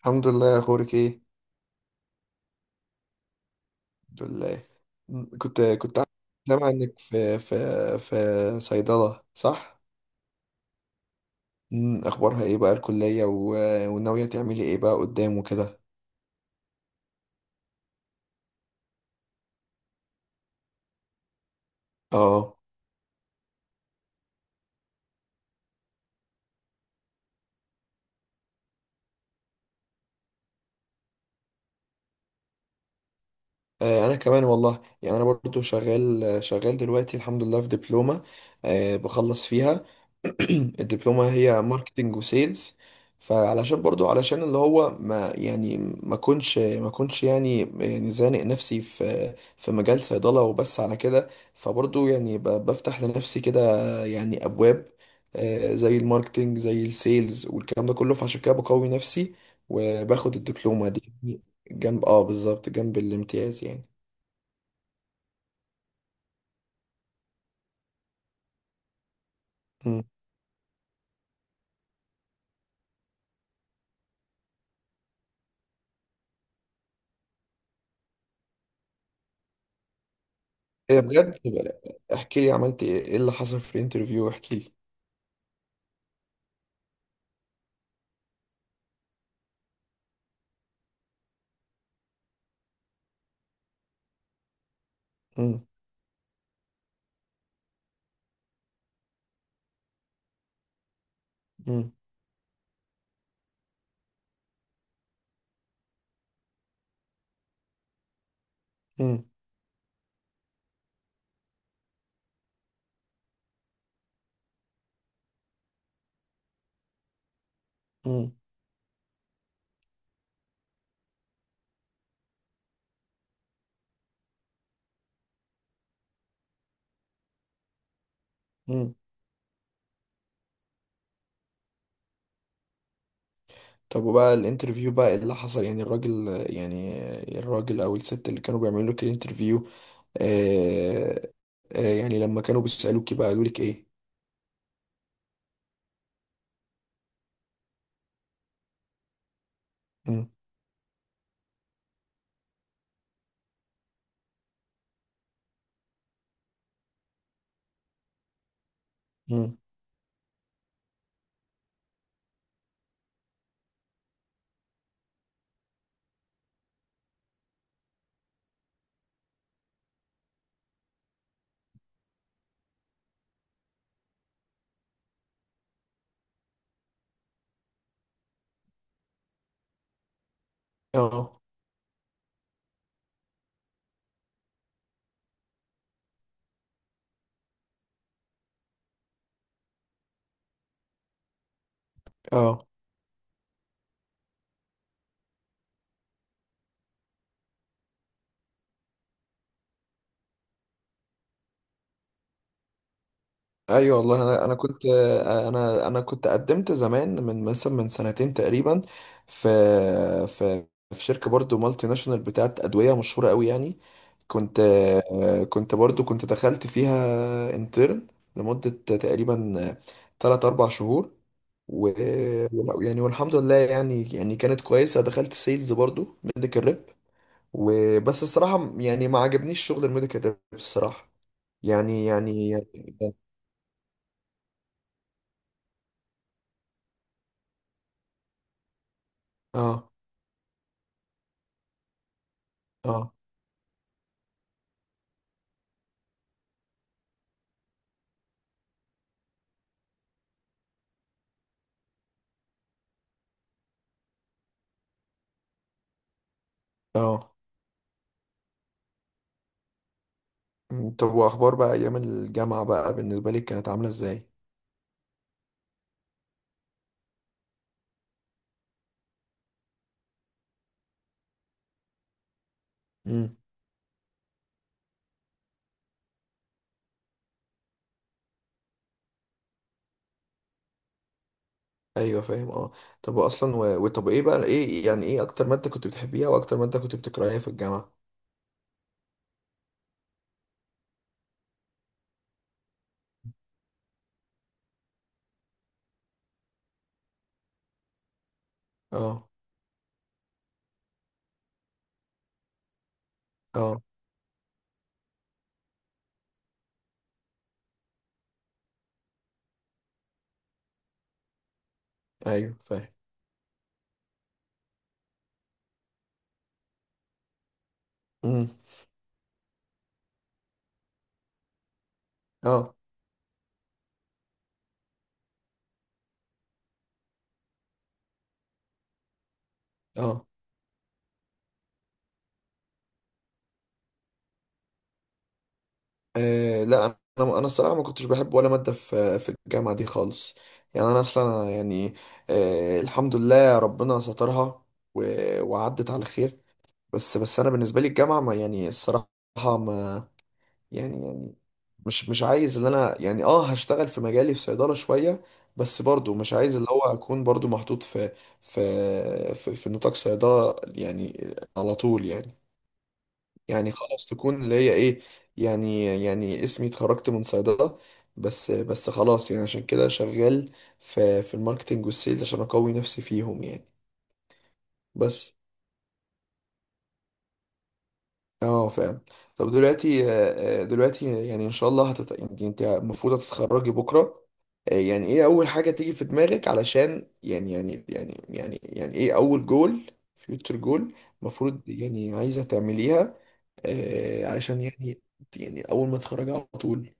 الحمد لله. اخبارك ايه؟ الحمد لله. م- كنت كنت عارف- سامع انك في صيدله، صح؟ اخبارها ايه بقى الكليه وناويه تعملي ايه بقى قدام وكده؟ اه. انا كمان والله يعني انا برضو شغال شغال دلوقتي الحمد لله في دبلومه. بخلص فيها. الدبلومة هي ماركتينج وسيلز. فعلشان برضو علشان اللي هو ما يعني ما كنش يعني زانق نفسي في مجال صيدلة وبس على كده. فبرضو يعني بفتح لنفسي كده يعني أبواب، زي الماركتينج زي السيلز والكلام ده كله. فعشان كده بقوي نفسي وباخد الدبلومة دي جنب، اه، بالظبط جنب الامتياز يعني. مم. ايه، بجد؟ احكي لي عملت ايه، إيه اللي حصل في الانترفيو؟ احكي لي. مم. مم. مم. مم. مم. طب وبقى الانترفيو بقى ايه اللي حصل، يعني الراجل، يعني الراجل او الست اللي كانوا بيعملوا لك الانترفيو؟ آه يعني لما كانوا بيسألوكي بقى قالوا لك ايه؟ مم. مم. اه، اه. ايوه والله انا كنت، انا كنت قدمت زمان من مثلا سنتين تقريبا في في في شركه برضو مالتي ناشونال بتاعت ادويه مشهوره قوي يعني. كنت كنت دخلت فيها انترن لمده تقريبا 3 4 شهور. و، يعني والحمد لله، يعني كانت كويسه. دخلت سيلز برضو ميديكال ريب. وبس الصراحه يعني ما عجبنيش شغل الميديكال ريب الصراحه. يعني يعني يعني- اه، اه، اه. مم. طب واخبار بقى ايام الجامعه بقى بالنسبه لك كانت عامله ازاي؟ امم. ايوه فاهم، اه. طب اصلا وطب ايه بقى، ايه يعني، ايه اكتر ماده كنت بتحبيها واكتر ماده كنت بتكرهيها في الجامعه؟ اه. اه. ايوه فاهم. امم. اه. اه. لا، انا الصراحه ما كنتش بحب ولا ماده في الجامعه دي خالص. يعني انا اصلا يعني آه الحمد لله ربنا سترها و وعدت على خير. بس بس انا بالنسبه لي الجامعه ما يعني الصراحه ما، يعني يعني، مش عايز ان انا يعني اه هشتغل في مجالي في صيدلة شوية. بس برضو مش عايز اللي هو اكون برضو محطوط في نطاق صيدلة يعني على طول يعني. يعني خلاص تكون اللي هي ايه، يعني، يعني اسمي اتخرجت من صيدلة. بس بس خلاص يعني عشان كده شغال في الماركتينج والسيلز عشان اقوي نفسي فيهم يعني. بس اه، فعلا. طب دلوقتي، دلوقتي يعني ان شاء الله يعني انت المفروض هتتخرجي بكره، يعني ايه اول حاجه تيجي في دماغك علشان، يعني يعني يعني يعني يعني، ايه اول جول، فيوتشر جول المفروض يعني عايزه تعمليها علشان يعني يعني اول ما تتخرجي على طول؟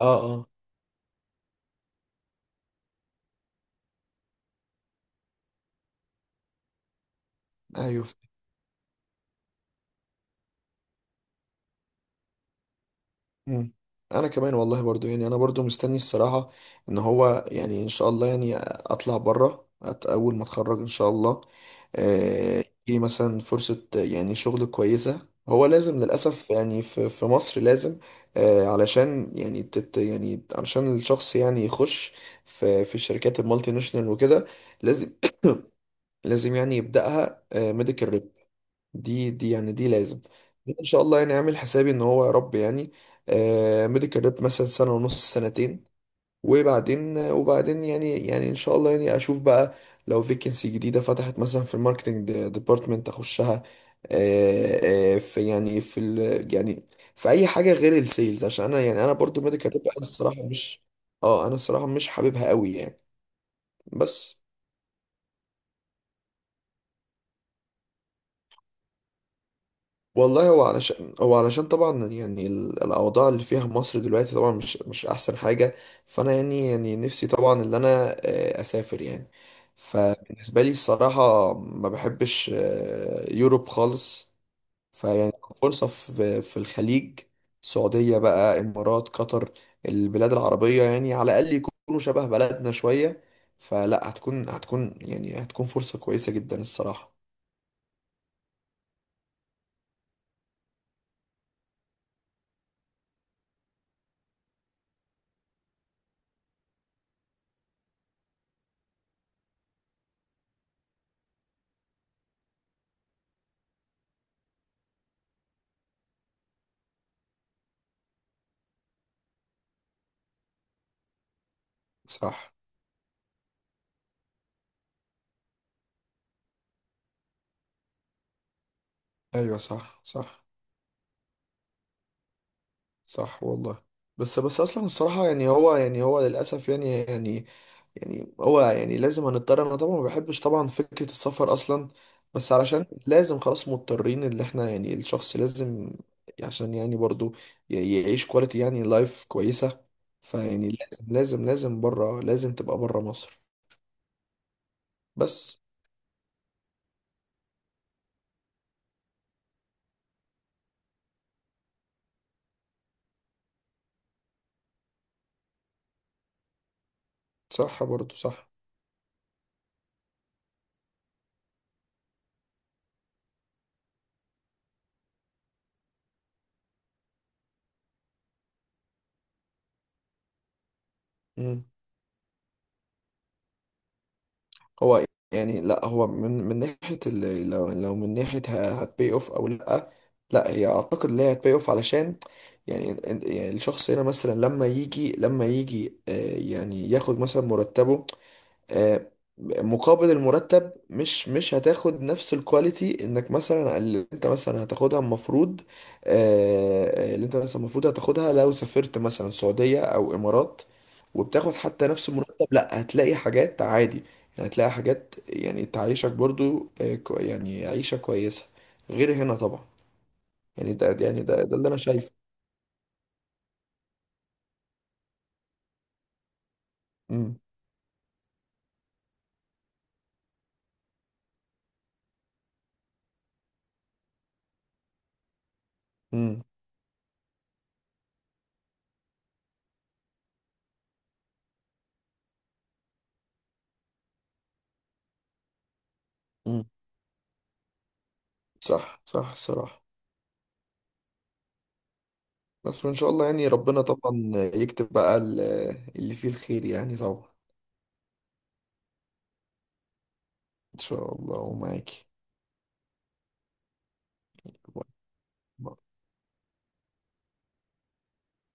اه، اه. ايوه. مم. انا كمان والله برضو يعني انا برضو مستني الصراحة ان هو يعني ان شاء الله يعني اطلع بره اول ما اتخرج ان شاء الله. يجيلي مثلا فرصة، يعني شغل كويسة. هو لازم للأسف يعني في مصر لازم، علشان يعني يعني علشان الشخص يعني يخش في الشركات المالتي ناشونال وكده لازم. لازم يعني يبدأها ميديكال. دي يعني دي لازم. ان شاء الله يعني اعمل حسابي ان هو يا رب يعني آه ميديكال ريب مثلا سنه ونص، سنتين. وبعدين يعني ان شاء الله يعني اشوف بقى لو فيكنسي جديده فتحت مثلا في الماركتنج ديبارتمنت اخشها. في يعني في ال يعني في اي حاجه غير السيلز عشان انا يعني انا برضو ميديكال ريب، انا الصراحه مش، اه انا الصراحه مش حاببها قوي يعني. بس. والله هو علشان، هو علشان طبعا يعني الاوضاع اللي فيها مصر دلوقتي طبعا مش مش احسن حاجه. فانا يعني نفسي طبعا ان انا اسافر يعني. فبالنسبه لي الصراحه ما بحبش يوروب خالص. فيعني فرصه في الخليج، السعوديه بقى، امارات، قطر. البلاد العربيه يعني على الاقل يكونوا شبه بلدنا شويه. فلا هتكون هتكون فرصه كويسه جدا الصراحه. صح. ايوه صح، صح. صح والله. بس بس اصلا الصراحه يعني هو يعني هو للاسف يعني يعني يعني هو يعني لازم هنضطر. انا طبعا ما بحبش طبعا فكره السفر اصلا، بس علشان لازم خلاص مضطرين اللي احنا يعني الشخص لازم عشان يعني برضو يعيش كواليتي يعني لايف كويسه. مم. فيعني لازم بره لازم تبقى بره مصر. بس. صح برضو، صح. مم. هو يعني لا هو من ناحية لو من ناحية هتبي اوف او لا، لا هي اعتقد ان هي هتبي اوف علشان. يعني يعني الشخص هنا مثلا لما يجي، آه، يعني ياخد مثلا مرتبه، آه، مقابل المرتب مش هتاخد نفس الكواليتي انك مثلا اللي انت مثلا هتاخدها المفروض. اللي انت مثلا المفروض هتاخدها لو سافرت مثلا السعودية او امارات وبتاخد حتى نفس المرتب، لا هتلاقي حاجات عادي. يعني هتلاقي حاجات يعني تعيشك برضو، آه، يعني عيشة كويسة غير هنا طبعا. يعني ده يعني ده اللي انا شايفه. امم. امم. امم. صح، صح الصراحة. بس وإن شاء الله يعني ربنا طبعا يكتب بقى اللي فيه الخير يعني طبعا. إن شاء الله ومعاكي.